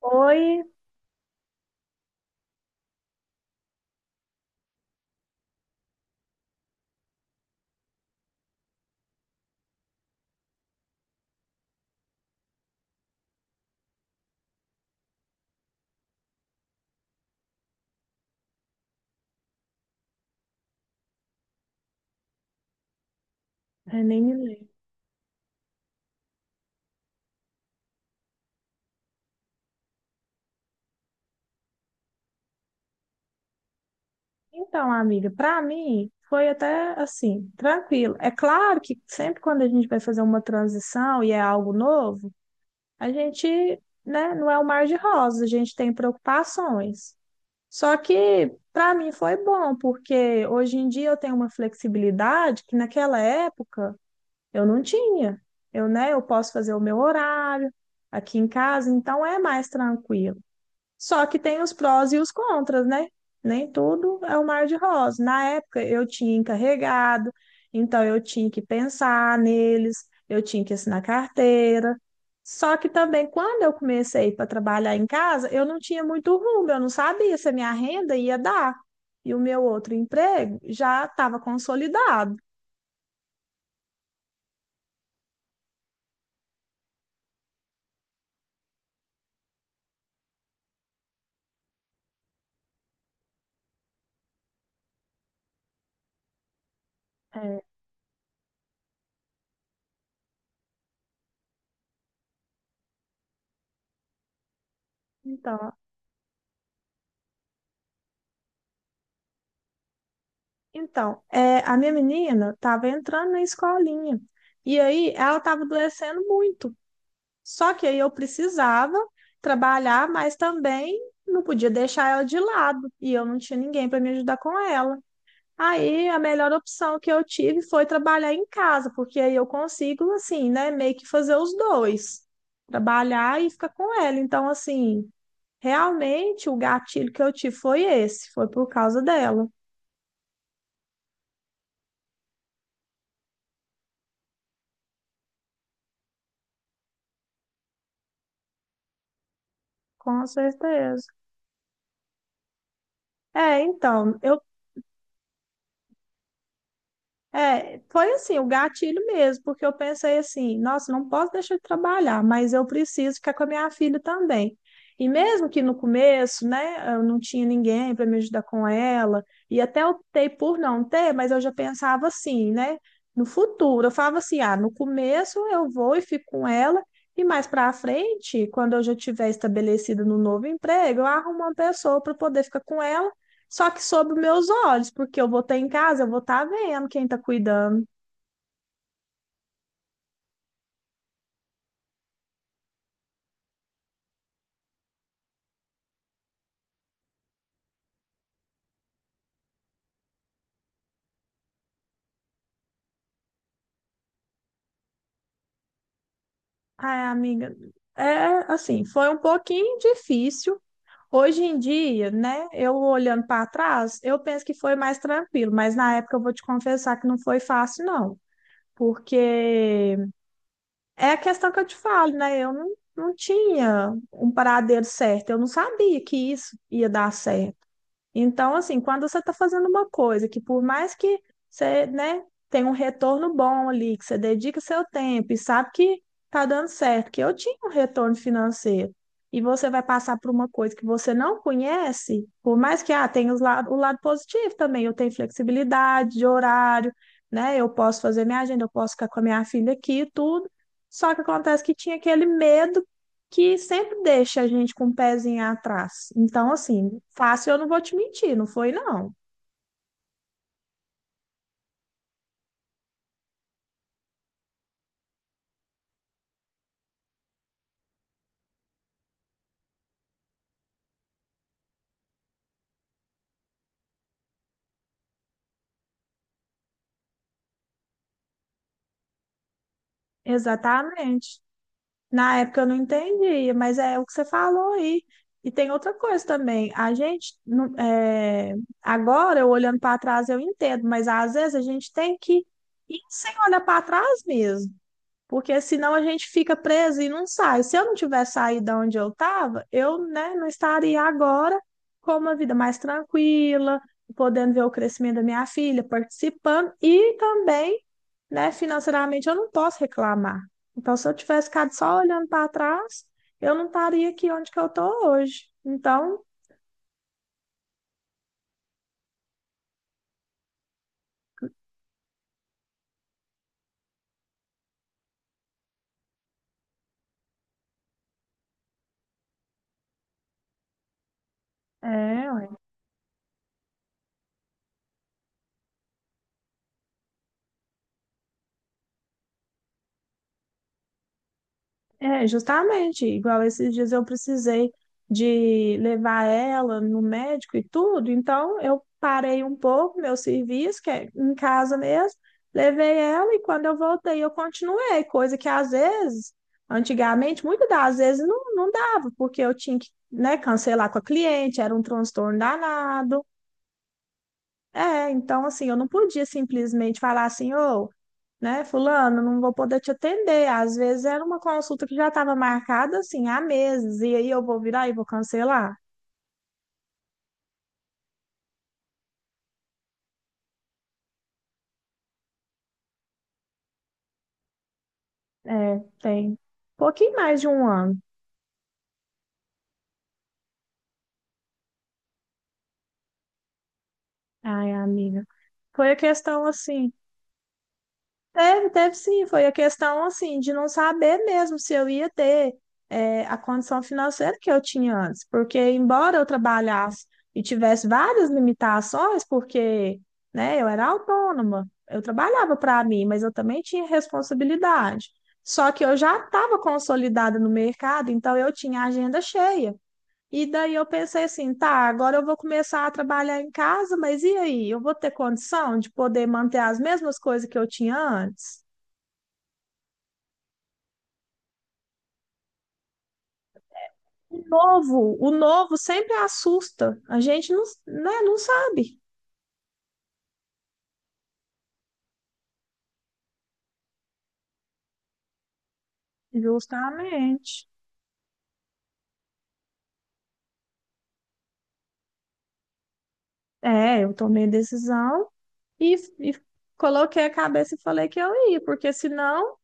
Oi, eu nem me lembro. Então, amiga, para mim foi até assim, tranquilo. É claro que sempre quando a gente vai fazer uma transição e é algo novo, a gente, né, não é o mar de rosas, a gente tem preocupações. Só que para mim foi bom, porque hoje em dia eu tenho uma flexibilidade que naquela época eu não tinha. Eu, né, eu posso fazer o meu horário aqui em casa, então é mais tranquilo. Só que tem os prós e os contras, né? Nem tudo é o mar de rosas. Na época eu tinha encarregado, então eu tinha que pensar neles, eu tinha que assinar carteira. Só que também quando eu comecei para trabalhar em casa, eu não tinha muito rumo, eu não sabia se a minha renda ia dar. E o meu outro emprego já estava consolidado. É, então, a minha menina estava entrando na escolinha. E aí ela estava adoecendo muito. Só que aí eu precisava trabalhar, mas também não podia deixar ela de lado e eu não tinha ninguém para me ajudar com ela. Aí a melhor opção que eu tive foi trabalhar em casa, porque aí eu consigo, assim, né, meio que fazer os dois, trabalhar e ficar com ela. Então, assim, realmente o gatilho que eu tive foi esse, foi por causa dela, com certeza. É, então, eu É, foi assim, o gatilho mesmo, porque eu pensei assim, nossa, não posso deixar de trabalhar, mas eu preciso ficar com a minha filha também. E mesmo que no começo, né, eu não tinha ninguém para me ajudar com ela, e até optei por não ter, mas eu já pensava assim, né, no futuro, eu falava assim, ah, no começo eu vou e fico com ela, e mais para frente, quando eu já tiver estabelecida no novo emprego, eu arrumo uma pessoa para poder ficar com ela só que sob os meus olhos, porque eu vou estar em casa, eu vou estar vendo quem está cuidando. Ai, amiga, é assim, foi um pouquinho difícil. Hoje em dia, né, eu olhando para trás, eu penso que foi mais tranquilo, mas na época eu vou te confessar que não foi fácil, não. Porque é a questão que eu te falo, né? Eu não, não tinha um paradeiro certo, eu não sabia que isso ia dar certo. Então, assim, quando você está fazendo uma coisa que por mais que você, né, tenha um retorno bom ali, que você dedica seu tempo e sabe que tá dando certo, que eu tinha um retorno financeiro, e você vai passar por uma coisa que você não conhece, por mais que tenha o lado positivo também, eu tenho flexibilidade de horário, né? Eu posso fazer minha agenda, eu posso ficar com a minha filha aqui e tudo. Só que acontece que tinha aquele medo que sempre deixa a gente com um pezinho atrás. Então, assim, fácil eu não vou te mentir, não foi não. Exatamente. Na época eu não entendia, mas é o que você falou aí. E tem outra coisa também. A gente, é, agora, eu olhando para trás, eu entendo, mas às vezes a gente tem que ir sem olhar para trás mesmo. Porque senão a gente fica preso e não sai. Se eu não tivesse saído da onde eu estava, eu, né, não estaria agora com uma vida mais tranquila, podendo ver o crescimento da minha filha, participando e também, né, financeiramente eu não posso reclamar. Então, se eu tivesse ficado só olhando para trás, eu não estaria aqui onde que eu estou hoje. Então, é, É, justamente, igual esses dias eu precisei de levar ela no médico e tudo, então eu parei um pouco meu serviço, que é em casa mesmo, levei ela e quando eu voltei eu continuei, coisa que às vezes, antigamente, muitas das vezes não, não dava, porque eu tinha que, né, cancelar com a cliente, era um transtorno danado. É, então assim, eu não podia simplesmente falar assim, ô, né, fulano, não vou poder te atender. Às vezes era uma consulta que já estava marcada assim há meses, e aí eu vou virar e vou cancelar. É, tem pouquinho mais de um ano. Ai, amiga. Foi a questão assim. Teve, teve sim, foi a questão assim de não saber mesmo se eu ia ter a condição financeira que eu tinha antes, porque embora eu trabalhasse e tivesse várias limitações, porque né, eu era autônoma, eu trabalhava para mim, mas eu também tinha responsabilidade. Só que eu já estava consolidada no mercado, então eu tinha a agenda cheia. E daí eu pensei assim, tá, agora eu vou começar a trabalhar em casa, mas e aí? Eu vou ter condição de poder manter as mesmas coisas que eu tinha antes? O novo sempre assusta. A gente não, né, não sabe. Justamente. É, eu tomei decisão e, e coloquei a cabeça e falei que eu ia, porque senão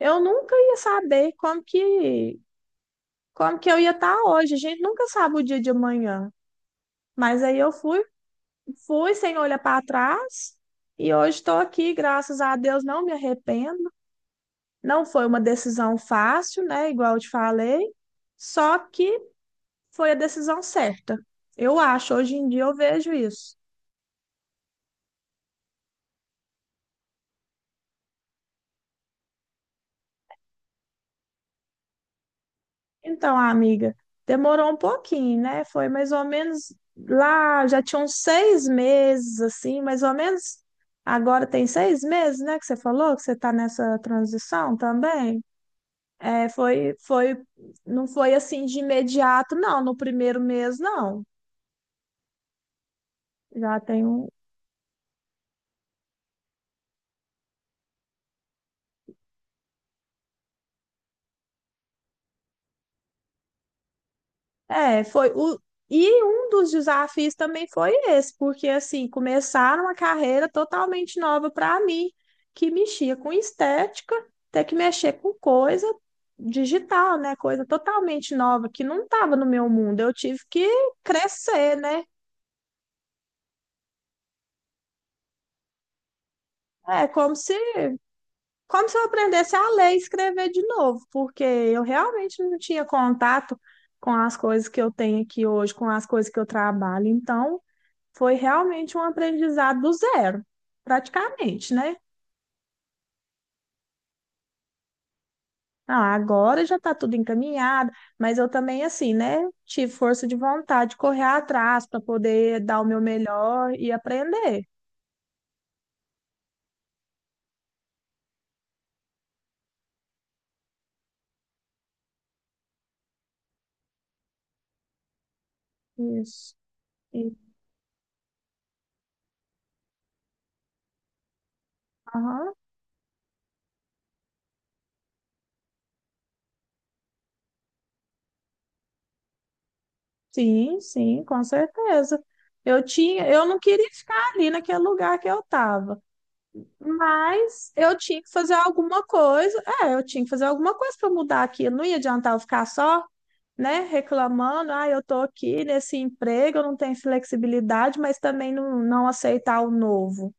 eu nunca ia saber como que eu ia estar hoje. A gente nunca sabe o dia de amanhã. Mas aí eu fui, fui sem olhar para trás e hoje estou aqui, graças a Deus, não me arrependo. Não foi uma decisão fácil, né? Igual eu te falei, só que foi a decisão certa. Eu acho, hoje em dia eu vejo isso. Então, amiga, demorou um pouquinho, né? Foi mais ou menos lá, já tinham 6 meses, assim, mais ou menos. Agora tem 6 meses, né? Que você falou que você está nessa transição também. É, foi, não foi assim de imediato, não, no primeiro mês, não. Já tem um. É, foi o. E um dos desafios também foi esse, porque assim, começar uma carreira totalmente nova para mim, que mexia com estética, ter que mexer com coisa digital, né? Coisa totalmente nova, que não estava no meu mundo. Eu tive que crescer, né? É como se eu aprendesse a ler e escrever de novo, porque eu realmente não tinha contato com as coisas que eu tenho aqui hoje, com as coisas que eu trabalho. Então, foi realmente um aprendizado do zero, praticamente, né? Ah, agora já está tudo encaminhado, mas eu também, assim, né? Tive força de vontade de correr atrás para poder dar o meu melhor e aprender. Isso. E- aham. Sim, sim, com certeza. Eu tinha, eu não queria ficar ali naquele lugar que eu estava. Mas eu tinha que fazer alguma coisa. É, eu tinha que fazer alguma coisa para mudar aquilo. Não ia adiantar eu ficar só, né, reclamando. Ah, eu tô aqui nesse emprego, eu não tenho flexibilidade, mas também não, não aceitar o novo.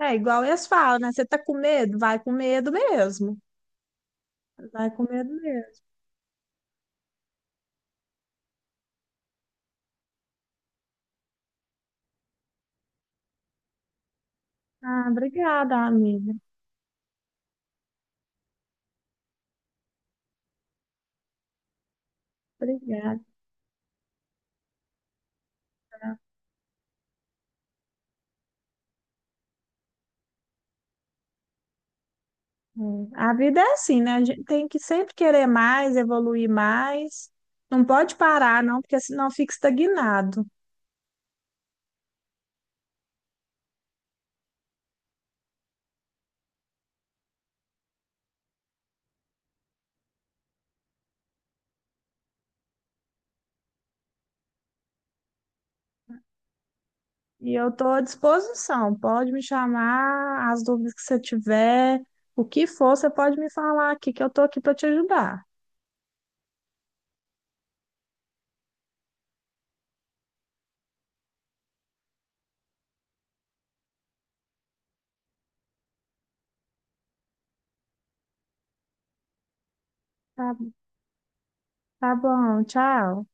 É igual eles falam, né? Você tá com medo? Vai com medo mesmo. Vai com medo mesmo. Ah, obrigada, amiga. Obrigada. É. A vida é assim, né? A gente tem que sempre querer mais, evoluir mais. Não pode parar, não, porque senão fica estagnado. E eu estou à disposição. Pode me chamar, as dúvidas que você tiver, o que for, você pode me falar aqui, que eu estou aqui para te ajudar. Tá, tá bom, tchau.